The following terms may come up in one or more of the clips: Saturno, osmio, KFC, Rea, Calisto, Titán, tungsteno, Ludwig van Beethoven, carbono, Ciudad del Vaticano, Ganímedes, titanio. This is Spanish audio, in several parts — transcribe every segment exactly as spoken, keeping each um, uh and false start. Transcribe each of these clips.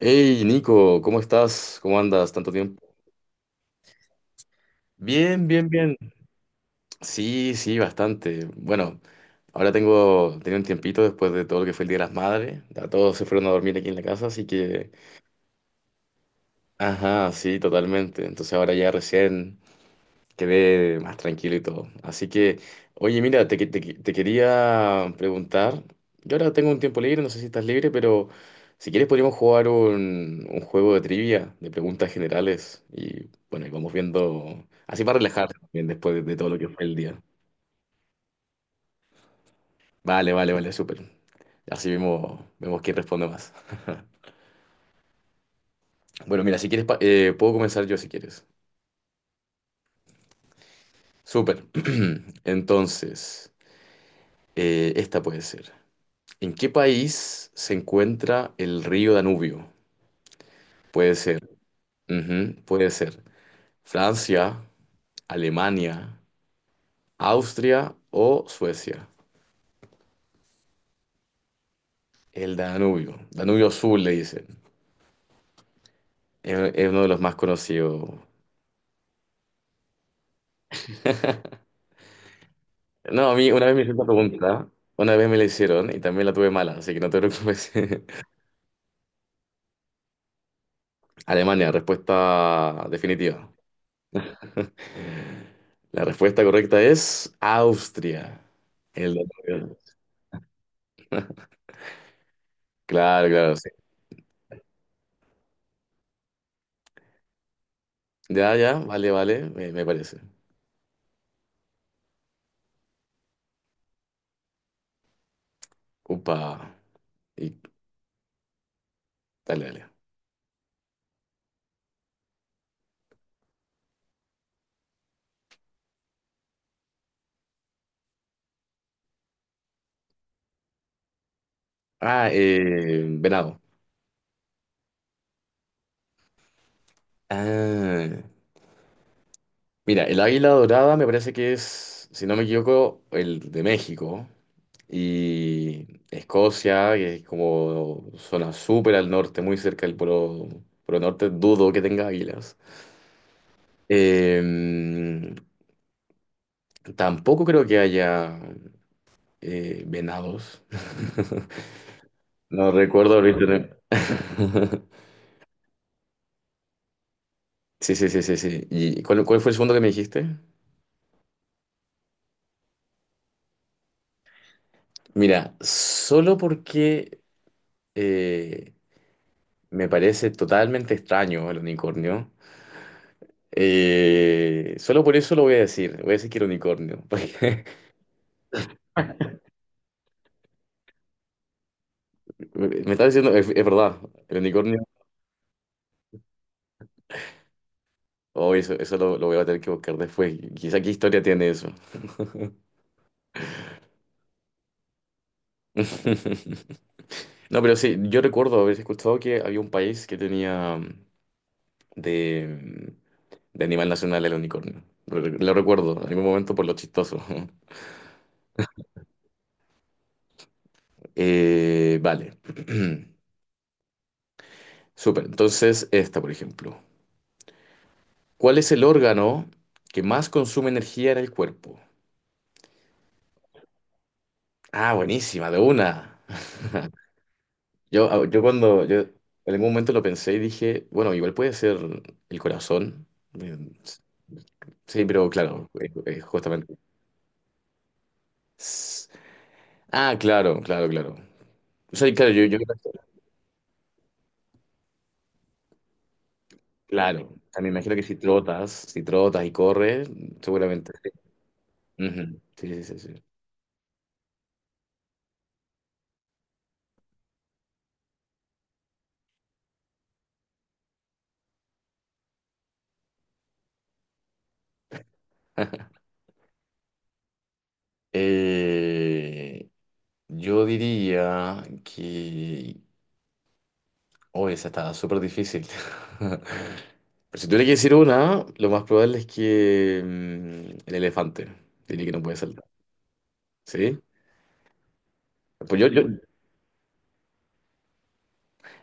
Hey Nico, ¿cómo estás? ¿Cómo andas? ¿Tanto tiempo? Bien, bien, bien. Sí, sí, bastante. Bueno, ahora tengo, tenía un tiempito después de todo lo que fue el Día de las Madres. Ya todos se fueron a dormir aquí en la casa, así que... Ajá, sí, totalmente. Entonces ahora ya recién quedé más tranquilo y todo. Así que, oye, mira, te, que- te que- te quería preguntar. Yo ahora tengo un tiempo libre, no sé si estás libre, pero si quieres podríamos jugar un, un juego de trivia, de preguntas generales. Y bueno, y vamos viendo, así para relajarse también después de, de todo lo que fue el día. Vale, vale, vale, súper. Así vemos, vemos quién responde más. Bueno, mira, si quieres, pa- eh, puedo comenzar yo si quieres. Súper. Entonces, eh, esta puede ser. ¿En qué país se encuentra el río Danubio? Puede ser, ujú, puede ser Francia, Alemania, Austria o Suecia. El Danubio, Danubio Azul le dicen. Es, es uno de los más conocidos. No, a mí una vez me hicieron esta pregunta, una vez me la hicieron y también la tuve mala, así que no te preocupes. Alemania, respuesta definitiva. La respuesta correcta es Austria. El Danubio. Claro, claro, sí. Ya, ya, vale, vale, me, me parece. Upa. Y dale, dale. Ah, eh, venado. Ah, mira, el águila dorada me parece que es, si no me equivoco, el de México. Y Escocia, que es como zona súper al norte, muy cerca del polo, polo norte, dudo que tenga águilas. Eh, Tampoco creo que haya eh, venados. No recuerdo ahorita. Sí, sí, sí, sí, sí. ¿Y cuál, cuál fue el segundo que me dijiste? Mira, solo porque eh, me parece totalmente extraño el unicornio. Eh, solo por eso lo voy a decir. Voy a decir que el unicornio. Porque me está diciendo, es, es verdad, el unicornio. Oh, eso, eso lo, lo voy a tener que buscar después. Quizá qué historia tiene eso. No, pero sí, yo recuerdo haber escuchado que había un país que tenía mm, de, de animal nacional el unicornio. Re- Lo recuerdo en algún momento por lo chistoso. Eh, vale. Súper. Entonces, esta, por ejemplo. ¿Cuál es el órgano que más consume energía en el cuerpo? Ah, buenísima, de una. Yo, ah, yo cuando, yo en algún momento lo pensé y dije, bueno, igual puede ser el corazón. Eh, Sí, pero claro, eh, eh, justamente. S- Ah, claro, claro, claro. O sea, claro, yo, yo, claro, o sea, me imagino que si trotas, si trotas y corres, seguramente sí. Ujú, sí, sí, sí, sí. Eh, yo diría que... Oh, esa está súper difícil. Pero si tuviera que decir una, lo más probable es que mm, el elefante. Diría que no puede saltar. ¿Sí? Pues yo, yo,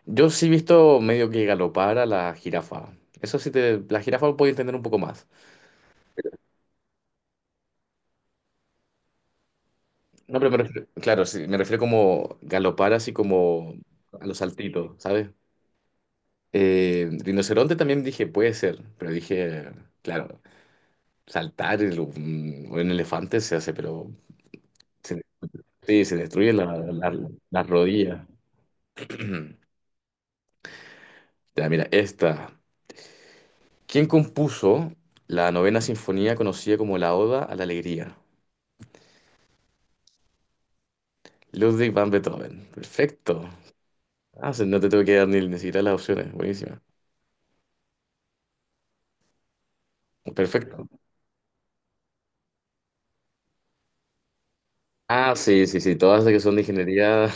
yo sí he visto medio que galopar a la jirafa. Eso sí te... La jirafa lo puedo entender un poco más. No, pero me refiero- claro, sí, me refiero como galopar así como a los saltitos, ¿sabes? Eh, rinoceronte también dije, puede ser, pero dije, claro, saltar el- un, un elefante se hace, pero se, sí, se destruye la, la- las rodillas. Ya, mira, esta. ¿Quién compuso la novena sinfonía conocida como la Oda a la Alegría? Ludwig van Beethoven. Perfecto. Ah, o sea, no te tengo que dar ni, ni siquiera las opciones. Buenísima. Perfecto. Ah, sí, sí, sí, todas las que son de ingeniería.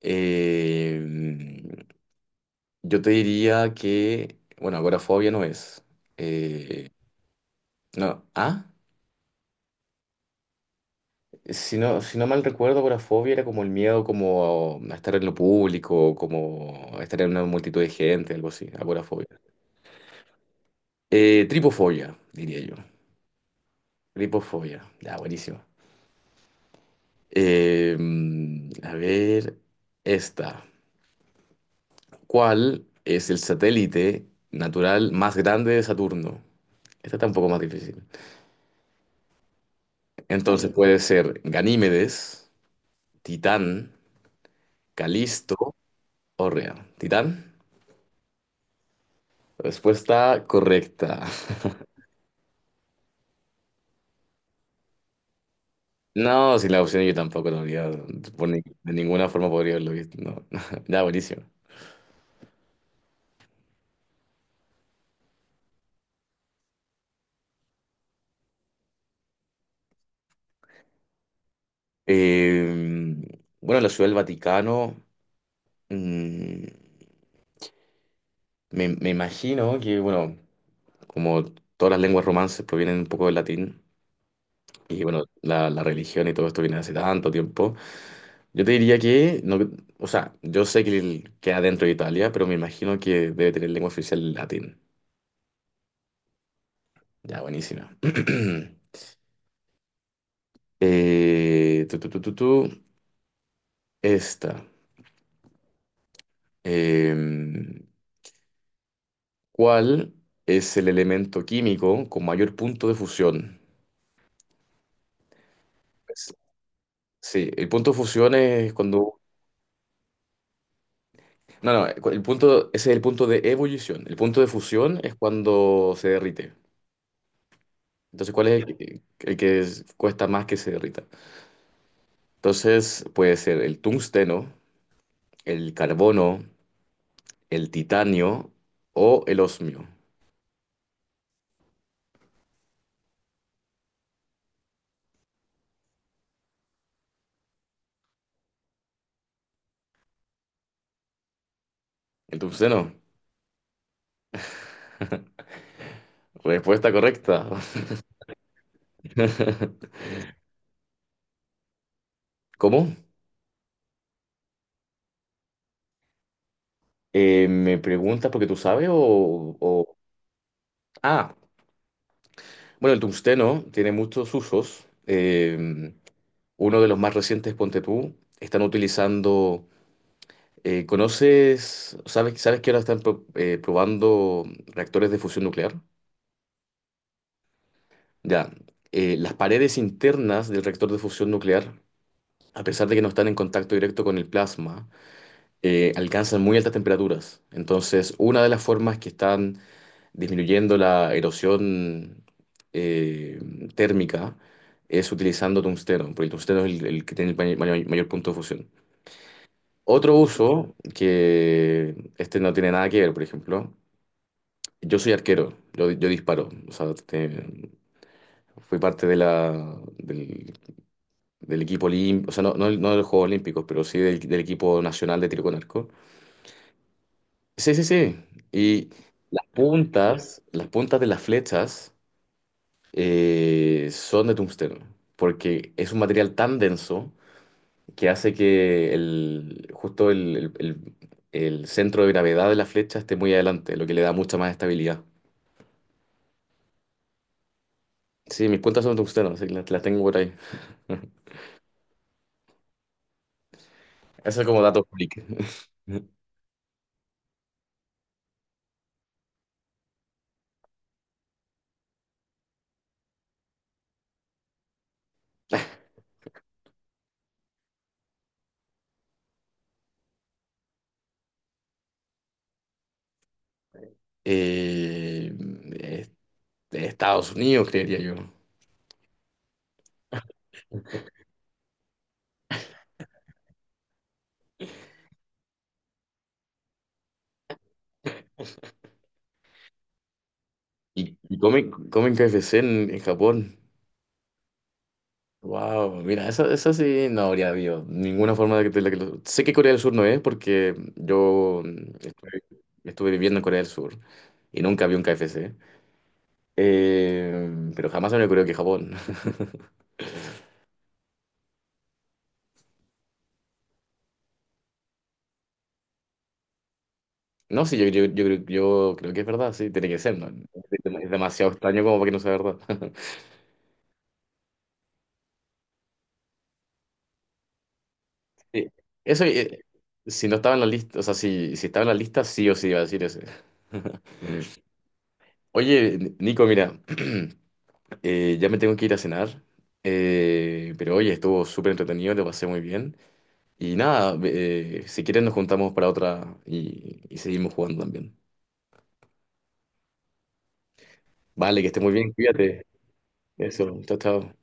Eh, yo te diría que, bueno, agorafobia no es. Eh, no, ah, si no, si no mal recuerdo, agorafobia era como el miedo como a estar en lo público, como a estar en una multitud de gente, algo así, agorafobia. Eh, tripofobia, diría yo. Tripofobia, ya, buenísimo. Eh, a ver, esta. ¿Cuál es el satélite natural más grande de Saturno? Esta está un poco más difícil. Entonces Mm. puede ser Ganímedes, Titán, Calisto o Rea. ¿Titán? Respuesta correcta. No, sin la opción yo tampoco lo habría, por ni- de ninguna forma podría haberlo visto. No. Ya, buenísimo. Eh, bueno, la Ciudad del Vaticano, mm, me, me imagino que, bueno, como todas las lenguas romances provienen un poco del latín, y bueno, la, la religión y todo esto viene hace tanto tiempo. Yo te diría que, no, o sea, yo sé que el- queda dentro de Italia, pero me imagino que debe tener lengua oficial latín. Ya, buenísima. Eh, tu, tu, tu, tu, tu, esta. Em, ¿cuál es el elemento químico con mayor punto de fusión? Es- sí, el punto de fusión es cuando... No, no, el punto, ese es el punto de ebullición. El punto de fusión es cuando se derrite. Entonces, ¿cuál es el que, el que es- cuesta más que se derrita? Entonces, puede ser el tungsteno, el carbono, el titanio o el osmio. El tungsteno. Respuesta correcta. ¿Cómo? Eh, ¿me preguntas porque tú sabes o, o- ah, bueno, el tungsteno tiene muchos usos. Eh, uno de los más recientes, ponte tú, están utilizando... eh, ¿conoces, sabes, sabes que ahora están pro- eh, probando reactores de fusión nuclear? Ya, eh, las paredes internas del reactor de fusión nuclear, a pesar de que no están en contacto directo con el plasma, eh, alcanzan muy altas temperaturas. Entonces, una de las formas que están disminuyendo la erosión eh, térmica es utilizando tungsteno, porque el tungsteno es el, el que tiene el may- may- mayor punto de fusión. Otro uso, que este no tiene nada que ver, por ejemplo, yo soy arquero, yo, yo disparo, o sea, te- fui parte de la, del del equipo olímpico, o sea, no, no, no de los Juegos Olímpicos, pero sí del, del equipo nacional de tiro con arco. Sí, sí, sí. Y las puntas, las puntas de las flechas eh, son de tungsteno, porque es un material tan denso que hace que el, justo el, el- el- el centro de gravedad de la flecha esté muy adelante, lo que le da mucha más estabilidad. Sí, mis puntas son de tungsteno, así que las, las tengo por ahí. Eso es como dato público. Eh, de Estados Unidos, creería yo. Y, y comen, comen K F C en, en Japón. Wow, mira, esa, esa sí no habría habido ninguna forma de que, de la que lo- Sé que Corea del Sur no es porque yo mm, estuve, estuve viviendo en Corea del Sur y nunca vi un K F C. Eh, pero jamás me ocurrió que Japón. No, sí, yo, yo, yo, creo yo creo que es verdad, sí, tiene que ser, ¿no? Es dem- es demasiado extraño como para que no sea verdad. Sí, eso, eh, si no estaba en la lista, o sea, si, si estaba en la lista, sí o sí iba a decir eso. Oye, N- Nico, mira, eh, ya me tengo que ir a cenar, eh, pero oye, estuvo súper entretenido, te pasé muy bien. Y nada, eh, si quieres nos juntamos para otra y, y seguimos jugando también. Vale, que estés muy bien, cuídate. Eso, chao, chao.